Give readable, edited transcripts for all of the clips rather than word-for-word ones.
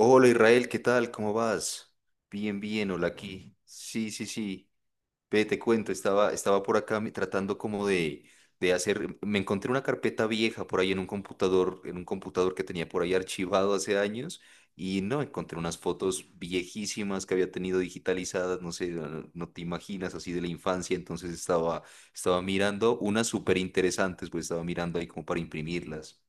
Hola Israel, ¿qué tal? ¿Cómo vas? Bien, bien, hola aquí. Sí, sí, sí. Ve, te cuento, estaba por acá tratando como de hacer, me encontré una carpeta vieja por ahí en un computador que tenía por ahí archivado hace años y no, encontré unas fotos viejísimas que había tenido digitalizadas, no sé, no te imaginas, así de la infancia, estaba mirando unas súper interesantes, pues estaba mirando ahí como para imprimirlas.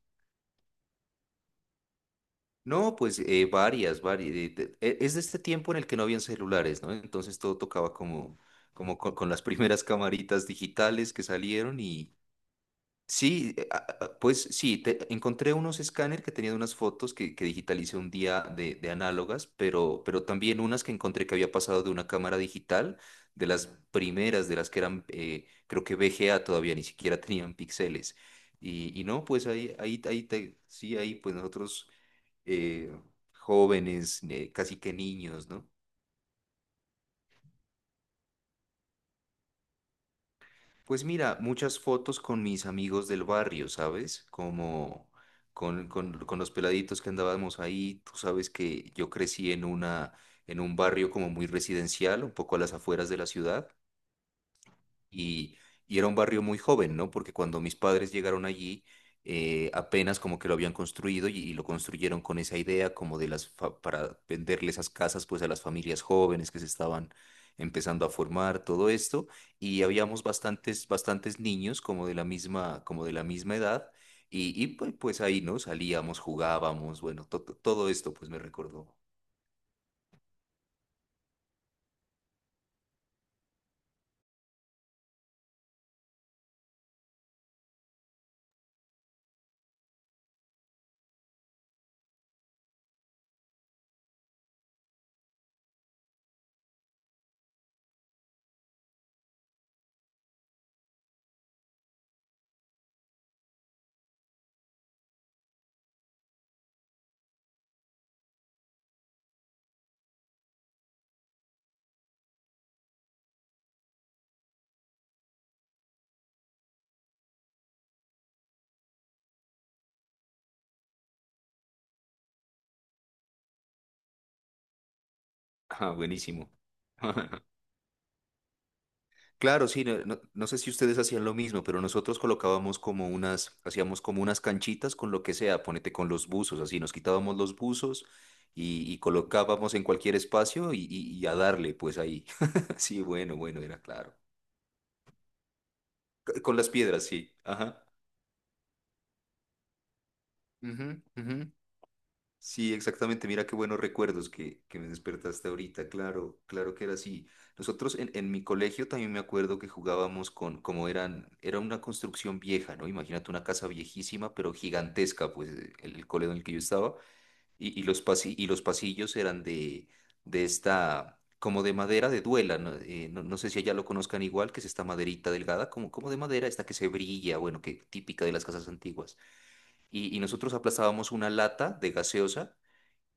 No, pues varias. Es de este tiempo en el que no habían celulares, ¿no? Entonces todo tocaba como, como con, las primeras camaritas digitales que salieron y sí, pues sí, encontré unos escáner que tenían unas fotos que digitalicé un día de análogas, pero también unas que encontré que había pasado de una cámara digital, de las primeras, de las que eran, creo que VGA todavía ni siquiera tenían píxeles. Y no, pues ahí, pues nosotros eh, jóvenes, casi que niños, ¿no? Pues mira, muchas fotos con mis amigos del barrio, ¿sabes? Como con los peladitos que andábamos ahí. Tú sabes que yo crecí en en un barrio como muy residencial, un poco a las afueras de la ciudad. Y, y era un barrio muy joven, ¿no? Porque cuando mis padres llegaron allí, apenas como que lo habían construido y lo construyeron con esa idea como de las, para venderle esas casas pues a las familias jóvenes que se estaban empezando a formar, todo esto. Y habíamos bastantes, bastantes niños como de la misma, como de la misma edad. Y pues, pues ahí, ¿no? Salíamos, jugábamos, bueno, todo esto pues me recordó. Ah, buenísimo. Claro, sí, no sé si ustedes hacían lo mismo, pero nosotros colocábamos como unas, hacíamos como unas canchitas con lo que sea, ponete con los buzos, así nos quitábamos los buzos y colocábamos en cualquier espacio y a darle, pues ahí. Sí, bueno, bueno, era claro. Con las piedras, sí. Ajá. Ujú, ujú. Sí, exactamente. Mira qué buenos recuerdos que me despertaste ahorita. Claro, claro que era así. Nosotros en mi colegio también me acuerdo que jugábamos con, como eran, era una construcción vieja, ¿no? Imagínate una casa viejísima, pero gigantesca, pues el colegio en el que yo estaba. Y los pasillos eran de esta, como de madera de duela, ¿no? No sé si allá lo conozcan igual, que es esta maderita delgada, como, como de madera, esta que se brilla, bueno, que típica de las casas antiguas. Y nosotros aplastábamos una lata de gaseosa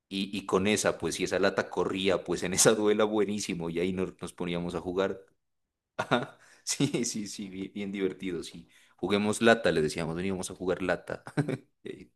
y con esa, pues, y esa lata corría, pues en esa duela buenísimo, y ahí nos poníamos a jugar. Ajá, sí, sí, sí, bien, bien divertido, sí. Juguemos lata, le decíamos, veníamos a jugar lata. Eh,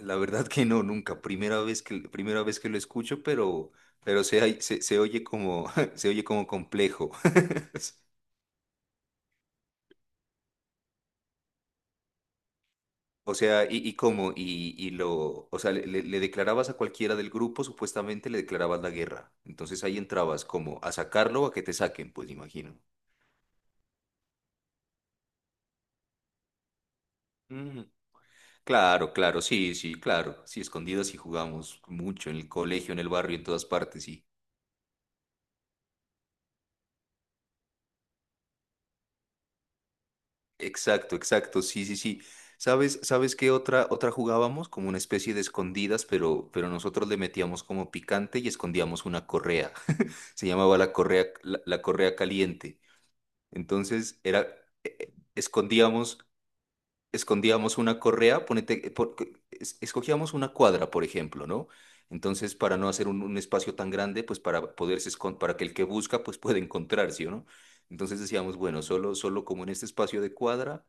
La verdad que no, nunca. Primera vez que lo escucho, pero se, se oye como, se oye como complejo. O sea, y cómo, y lo, o sea, le declarabas a cualquiera del grupo, supuestamente le declarabas la guerra. Entonces ahí entrabas como a sacarlo o a que te saquen, pues imagino. Ujú. Claro, claro, sí, sí, claro. Sí, escondidas sí jugamos mucho en el colegio, en el barrio, en todas partes, sí. Exacto, exacto, sí, sí, sí. ¿Sabes, sabes qué otra, otra jugábamos? Como una especie de escondidas, pero nosotros le metíamos como picante y escondíamos una correa. Se llamaba la correa, la correa caliente. Entonces era, eh, eh, escondíamos escondíamos una correa, ponete, escogíamos una cuadra, por ejemplo, ¿no? Entonces, para no hacer un espacio tan grande, pues para para que el que busca, pues pueda encontrar, ¿sí o no? Entonces decíamos, bueno, solo como en este espacio de cuadra,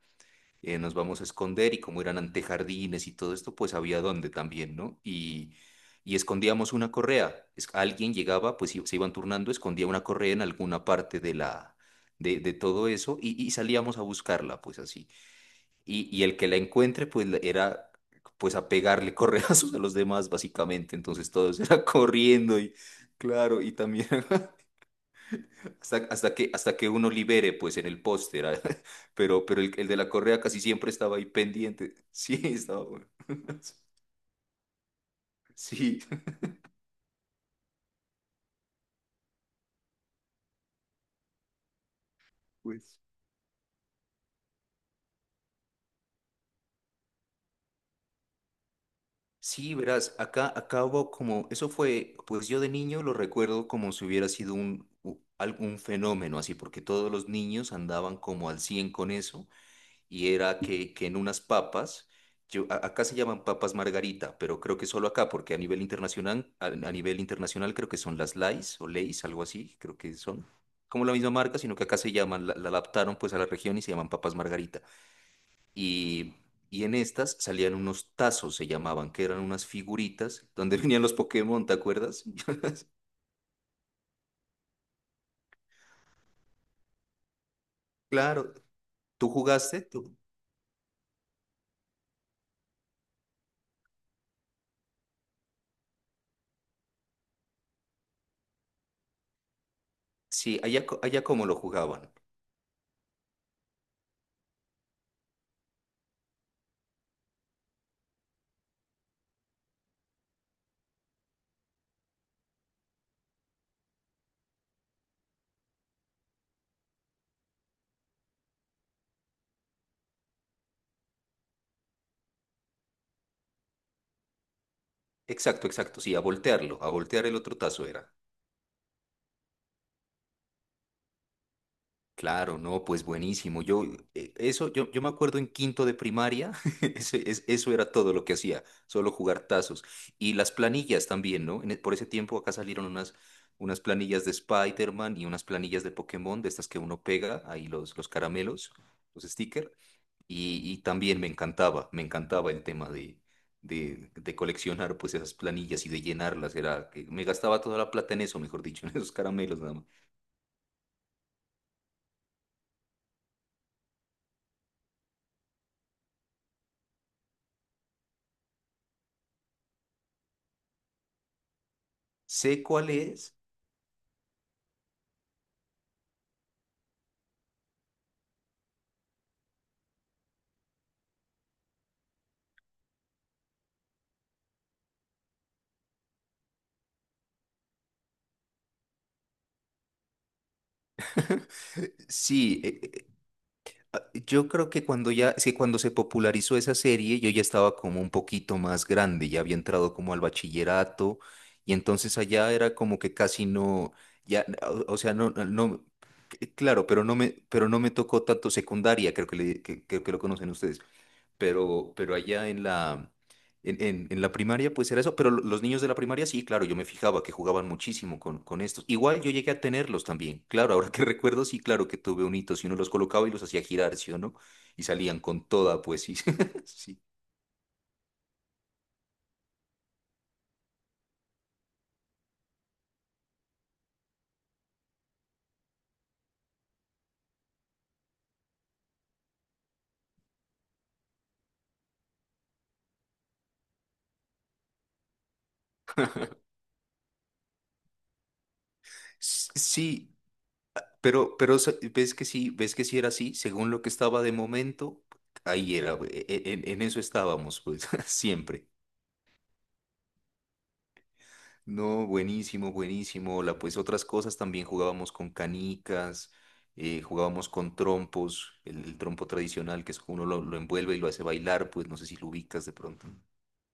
nos vamos a esconder y como eran antejardines y todo esto, pues había dónde también, ¿no? Y escondíamos una correa. Alguien llegaba, pues se iban turnando, escondía una correa en alguna parte de de todo eso y salíamos a buscarla, pues así. Y el que la encuentre, era pues a pegarle correazos a los demás, básicamente. Entonces todos era corriendo y claro, y también hasta que uno libere, pues en el poste era. Pero el de la correa casi siempre estaba ahí pendiente. Sí, estaba bueno. Sí, pues. Sí, verás, acá hubo como, eso fue, pues yo de niño lo recuerdo como si hubiera sido algún fenómeno así, porque todos los niños andaban como al 100 con eso. Y era que en unas papas, acá se llaman papas margarita, pero creo que solo acá, porque a nivel internacional, a nivel internacional creo que son las Lays o Lays, algo así, creo que son como la misma marca, sino que acá se llaman, la adaptaron pues a la región y se llaman papas margarita. Y, y en estas salían unos tazos, se llamaban, que eran unas figuritas donde venían los Pokémon, ¿te acuerdas? Claro, ¿tú jugaste? ¿Tú? Sí, allá, allá como lo jugaban. Exacto, exacto, sí, a voltearlo, a voltear el otro tazo era. Claro, no, pues buenísimo. Yo me acuerdo en quinto de primaria, eso, eso era todo lo que hacía, solo jugar tazos. Y las planillas también, ¿no? Por ese tiempo acá salieron unas planillas de Spider-Man y unas planillas de Pokémon, de estas que uno pega, ahí los caramelos, los stickers. Y también me encantaba el tema de coleccionar pues esas planillas y de llenarlas. Era, que me gastaba toda la plata en eso, mejor dicho, en esos caramelos nada más. Sé cuál es. Sí, yo creo que cuando ya, sí, cuando se popularizó esa serie, yo ya estaba como un poquito más grande, ya había entrado como al bachillerato y entonces allá era como que casi no, ya, ah, o sea, no, no, no, claro, pero no me tocó tanto secundaria, creo que, que lo conocen ustedes pero allá en en la primaria, pues era eso. Pero los niños de la primaria, sí, claro, yo me fijaba que jugaban muchísimo con estos. Igual yo llegué a tenerlos también. Claro, ahora que recuerdo, sí, claro que tuve un hito, si uno los colocaba y los hacía girar, ¿sí o no? Y salían con toda, pues sí. Sí, sí, ves que sí, ves que sí era así, según lo que estaba de momento, ahí era, en eso estábamos, pues, siempre. No, buenísimo, buenísimo. La, pues otras cosas también jugábamos con canicas, jugábamos con trompos, el trompo tradicional que es uno lo envuelve y lo hace bailar, pues no sé si lo ubicas de pronto.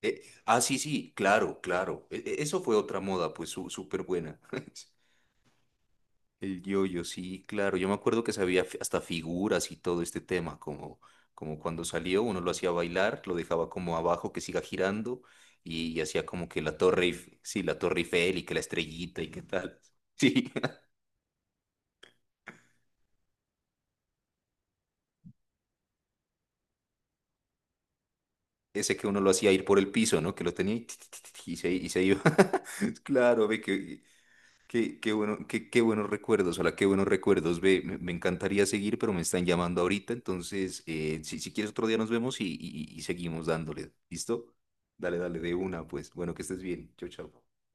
Eh, sí, sí, claro, claro. Eso fue otra moda, pues súper buena. El yoyo, sí, claro. Yo me acuerdo que hasta figuras y todo este tema, como, como cuando salió, uno lo hacía bailar, lo dejaba como abajo que siga girando y, hacía como que la torre, la torre Eiffel y que la estrellita y qué tal. Sí, ese que uno lo hacía ir por el piso, ¿no? Que lo tenía y, ti, ti, ti, ti, y se iba. Claro, ve que qué, qué bueno, qué buenos recuerdos, hola, qué buenos recuerdos. Ve, me encantaría seguir, pero me están llamando ahorita. Entonces, si quieres otro día nos vemos y seguimos dándole. ¿Listo? Dale, dale, de una, pues. Bueno, que estés bien. Chau, chau.